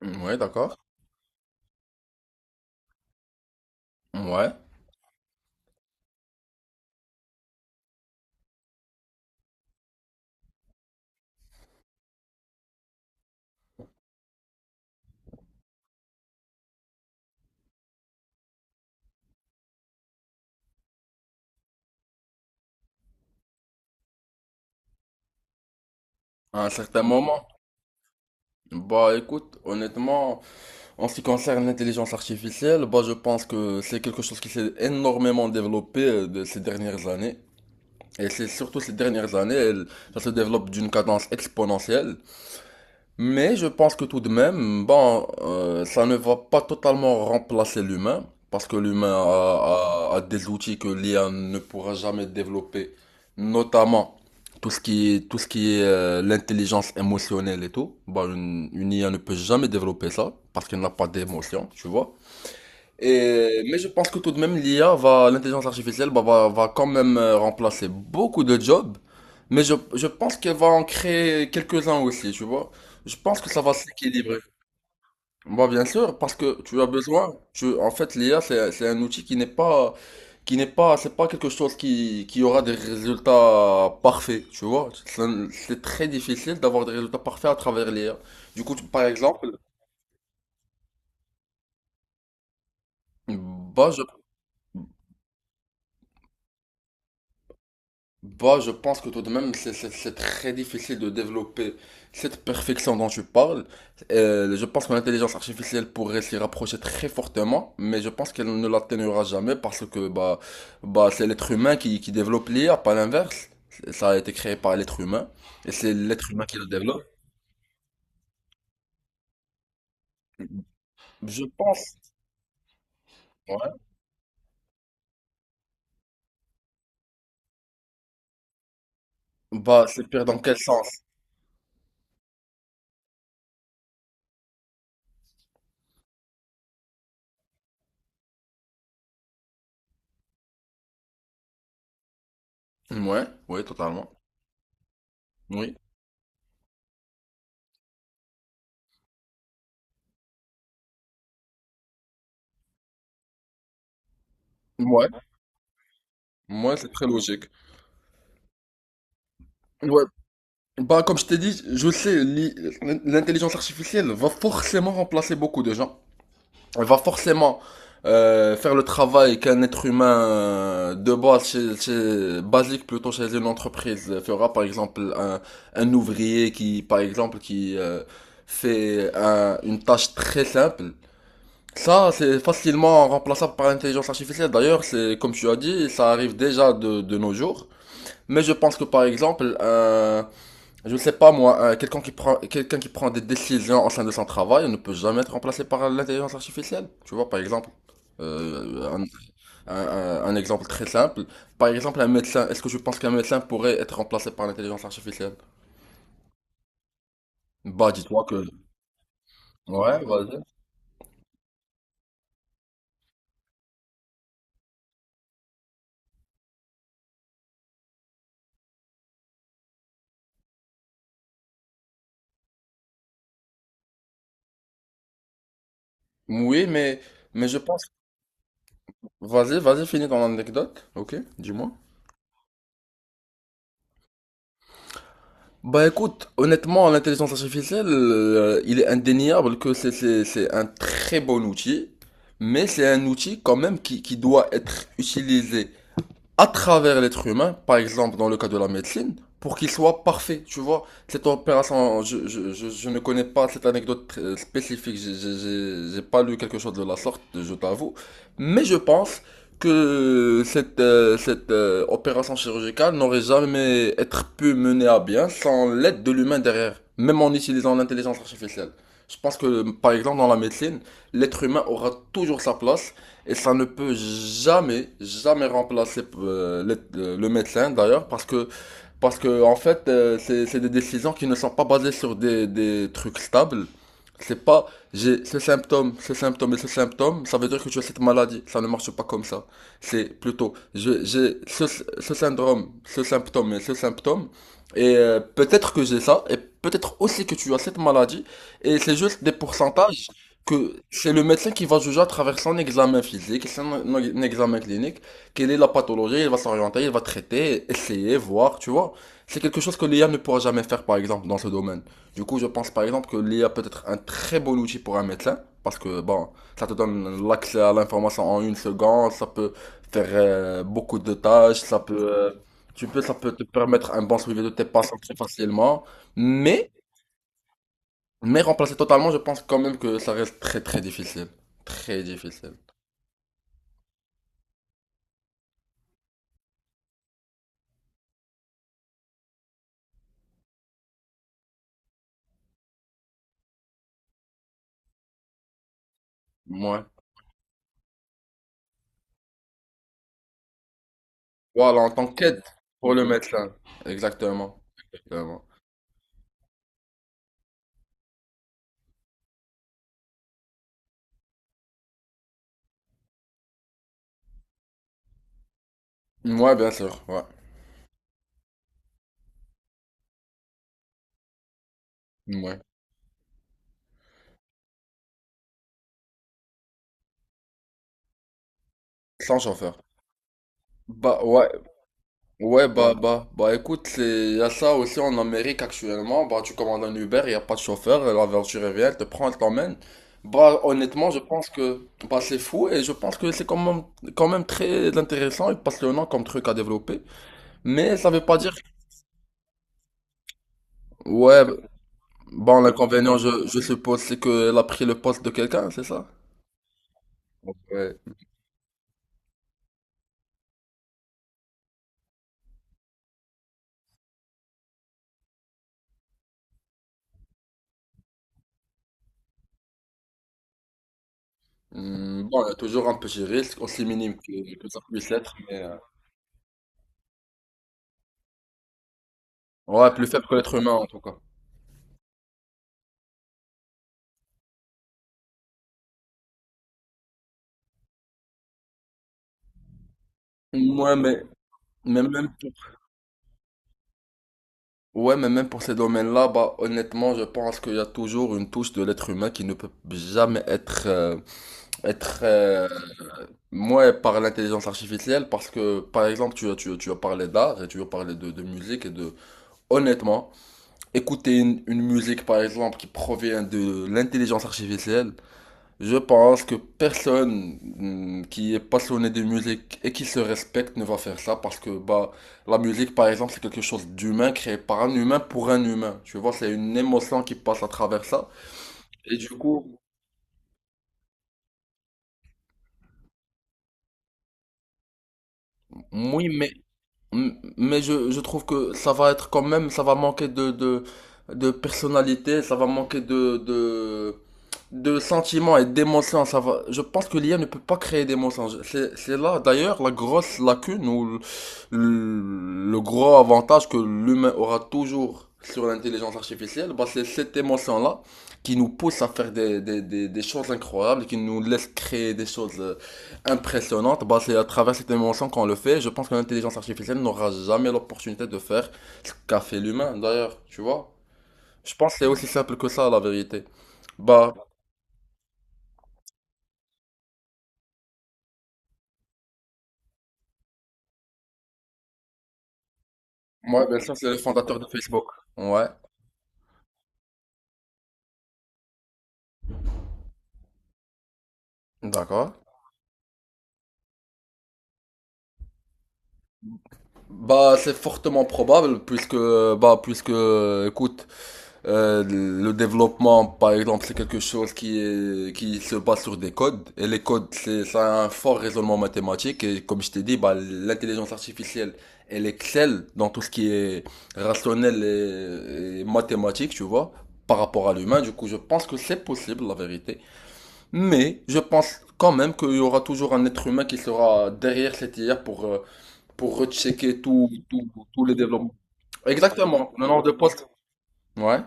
Ouais, d'accord. Ouais, à un certain moment. Bah écoute, honnêtement, en ce qui concerne l'intelligence artificielle, bah je pense que c'est quelque chose qui s'est énormément développé de ces dernières années. Et c'est surtout ces dernières années, ça se développe d'une cadence exponentielle. Mais je pense que tout de même, bon, ça ne va pas totalement remplacer l'humain, parce que l'humain a des outils que l'IA ne pourra jamais développer, notamment tout ce qui est l'intelligence émotionnelle et tout. Bon, une IA ne peut jamais développer ça, parce qu'elle n'a pas d'émotion, tu vois. Et, mais je pense que tout de même, l'intelligence artificielle bah, va quand même remplacer beaucoup de jobs, mais je pense qu'elle va en créer quelques-uns aussi, tu vois. Je pense que ça va s'équilibrer. Bah, bien sûr, parce que tu as besoin, tu, en fait, l'IA, c'est un outil qui n'est pas, c'est pas quelque chose qui aura des résultats parfaits, tu vois. C'est très difficile d'avoir des résultats parfaits à travers l'IA. Du coup, par exemple, bah, je, bah, je pense que tout de même, c'est très difficile de développer cette perfection dont tu parles. Je pense que l'intelligence artificielle pourrait s'y rapprocher très fortement, mais je pense qu'elle ne l'atteignera jamais parce que bah, c'est l'être humain qui développe l'IA, pas l'inverse. Ça a été créé par l'être humain et c'est l'être humain qui le développe. Je pense. Ouais. Bah, c'est pire dans quel sens? Ouais, oui, totalement. Oui. Ouais. Moi, c'est très logique. Ouais, bah, comme je t'ai dit, je sais, l'intelligence artificielle va forcément remplacer beaucoup de gens. Elle va forcément faire le travail qu'un être humain de base, basique plutôt chez une entreprise fera. Par exemple, un ouvrier qui, par exemple, qui fait une tâche très simple. Ça, c'est facilement remplaçable par l'intelligence artificielle. D'ailleurs, c'est comme tu as dit, ça arrive déjà de nos jours. Mais je pense que, par exemple, un je ne sais pas moi, quelqu'un qui prend des décisions au sein de son travail ne peut jamais être remplacé par l'intelligence artificielle. Tu vois, par exemple, euh, un, un exemple très simple. Par exemple, un médecin. Est-ce que je pense qu'un médecin pourrait être remplacé par l'intelligence artificielle? Bah, dis-toi que. Ouais, vas-y. Oui, mais je pense. Vas-y, vas-y, finis ton anecdote. Ok, dis-moi. Bah écoute, honnêtement, l'intelligence artificielle, il est indéniable que c'est un très bon outil, mais c'est un outil quand même qui doit être utilisé à travers l'être humain, par exemple dans le cas de la médecine, pour qu'il soit parfait. Tu vois, cette opération, je ne connais pas cette anecdote très spécifique, j'ai pas lu quelque chose de la sorte, je t'avoue, mais je pense que cette opération chirurgicale n'aurait jamais être pu mener à bien sans l'aide de l'humain derrière, même en utilisant l'intelligence artificielle. Je pense que, par exemple, dans la médecine, l'être humain aura toujours sa place et ça ne peut jamais, jamais remplacer le médecin d'ailleurs, parce que en fait, c'est des décisions qui ne sont pas basées sur des trucs stables. C'est pas, j'ai ce symptôme et ce symptôme, ça veut dire que tu as cette maladie. Ça ne marche pas comme ça. C'est plutôt, j'ai ce syndrome, ce symptôme. Et peut-être que j'ai ça, et peut-être aussi que tu as cette maladie. Et c'est juste des pourcentages que c'est le médecin qui va juger à travers son examen physique, son examen clinique, quelle est la pathologie, il va s'orienter, il va traiter, essayer, voir, tu vois. C'est quelque chose que l'IA ne pourra jamais faire, par exemple, dans ce domaine. Du coup, je pense, par exemple, que l'IA peut être un très bon outil pour un médecin, parce que, bon, ça te donne l'accès à l'information en une seconde, ça peut faire beaucoup de tâches, tu peux, ça peut te permettre un bon suivi de tes patients très facilement, mais, mais remplacer totalement, je pense quand même que ça reste très, très difficile. Très difficile. Ouais. Voilà, en tant qu'aide pour le médecin. Exactement. Exactement. Ouais, bien sûr, ouais. Ouais. Sans chauffeur. Bah, ouais, ouais, bah, ouais. Bah écoute, il y a ça aussi en Amérique actuellement, bah tu commandes un Uber, il y a pas de chauffeur, la voiture elle vient, elle te prend, elle t'emmène. Bah honnêtement, je pense que bah c'est fou et je pense que c'est quand même très intéressant et passionnant comme truc à développer, mais ça veut pas dire. Ouais, bon l'inconvénient je suppose c'est qu'elle a pris le poste de quelqu'un, c'est ça? Ouais. Hmm, bon, il y a toujours un petit risque, aussi minime que ça puisse l'être, mais ouais, plus faible que l'être humain en tout cas. Ouais, mais Mais même pour, même pour ces domaines-là, bah, honnêtement, je pense qu'il y a toujours une touche de l'être humain qui ne peut jamais être, moi, par l'intelligence artificielle, parce que, par exemple, tu as parlé d'art et tu as parlé de musique et Honnêtement, écouter une musique, par exemple, qui provient de l'intelligence artificielle. Je pense que personne qui est passionné de musique et qui se respecte ne va faire ça, parce que bah, la musique par exemple c'est quelque chose d'humain, créé par un humain pour un humain. Tu vois, c'est une émotion qui passe à travers ça. Et du coup, oui, mais M- mais je trouve que ça va être quand même, ça va manquer de personnalité, ça va manquer de sentiments et d'émotions. Ça va, je pense que l'IA ne peut pas créer d'émotions. C'est là d'ailleurs la grosse lacune ou le gros avantage que l'humain aura toujours sur l'intelligence artificielle. Bah, c'est cette émotion-là qui nous pousse à faire des choses incroyables, et qui nous laisse créer des choses impressionnante. Bah, c'est à travers cette émotion qu'on le fait. Je pense que l'intelligence artificielle n'aura jamais l'opportunité de faire ce qu'a fait l'humain, d'ailleurs, tu vois. Je pense que c'est aussi simple que ça, la vérité. Bah, moi, bien sûr, c'est le fondateur de Facebook. Ouais, d'accord. Bah, c'est fortement probable, puisque, écoute. Le développement, par exemple, c'est quelque chose qui est, qui se base sur des codes. Et les codes, c'est, ça a un fort raisonnement mathématique. Et comme je t'ai dit, bah, l'intelligence artificielle, elle excelle dans tout ce qui est rationnel et mathématique, tu vois, par rapport à l'humain. Du coup, je pense que c'est possible, la vérité. Mais je pense quand même qu'il y aura toujours un être humain qui sera derrière cette IA pour rechecker tous les développements. Exactement, le nombre de postes. Ouais.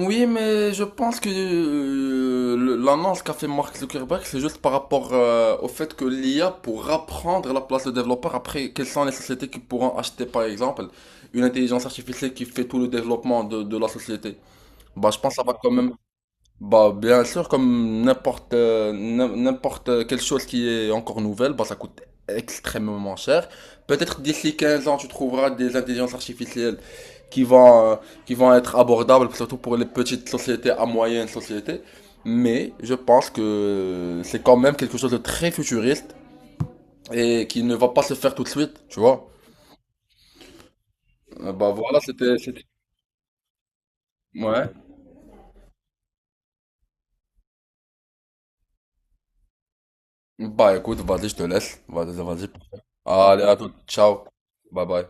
Oui, mais je pense que l'annonce qu'a fait Mark Zuckerberg, c'est juste par rapport au fait que l'IA pourra prendre la place de développeur. Après, quelles sont les sociétés qui pourront acheter, par exemple, une intelligence artificielle qui fait tout le développement de la société? Bah, je pense que ça va quand même. Bah, bien sûr, comme n'importe quelle chose qui est encore nouvelle, bah, ça coûte extrêmement cher. Peut-être d'ici 15 ans, tu trouveras des intelligences artificielles qui vont, euh, qui vont être abordables, surtout pour les petites sociétés à moyenne société. Mais je pense que c'est quand même quelque chose de très futuriste et qui ne va pas se faire tout de suite, tu vois. Bah voilà, c'était. Ouais. Bah écoute, vas-y, je te laisse. Vas-y, vas-y. Allez, à tout. Ciao. Bye bye.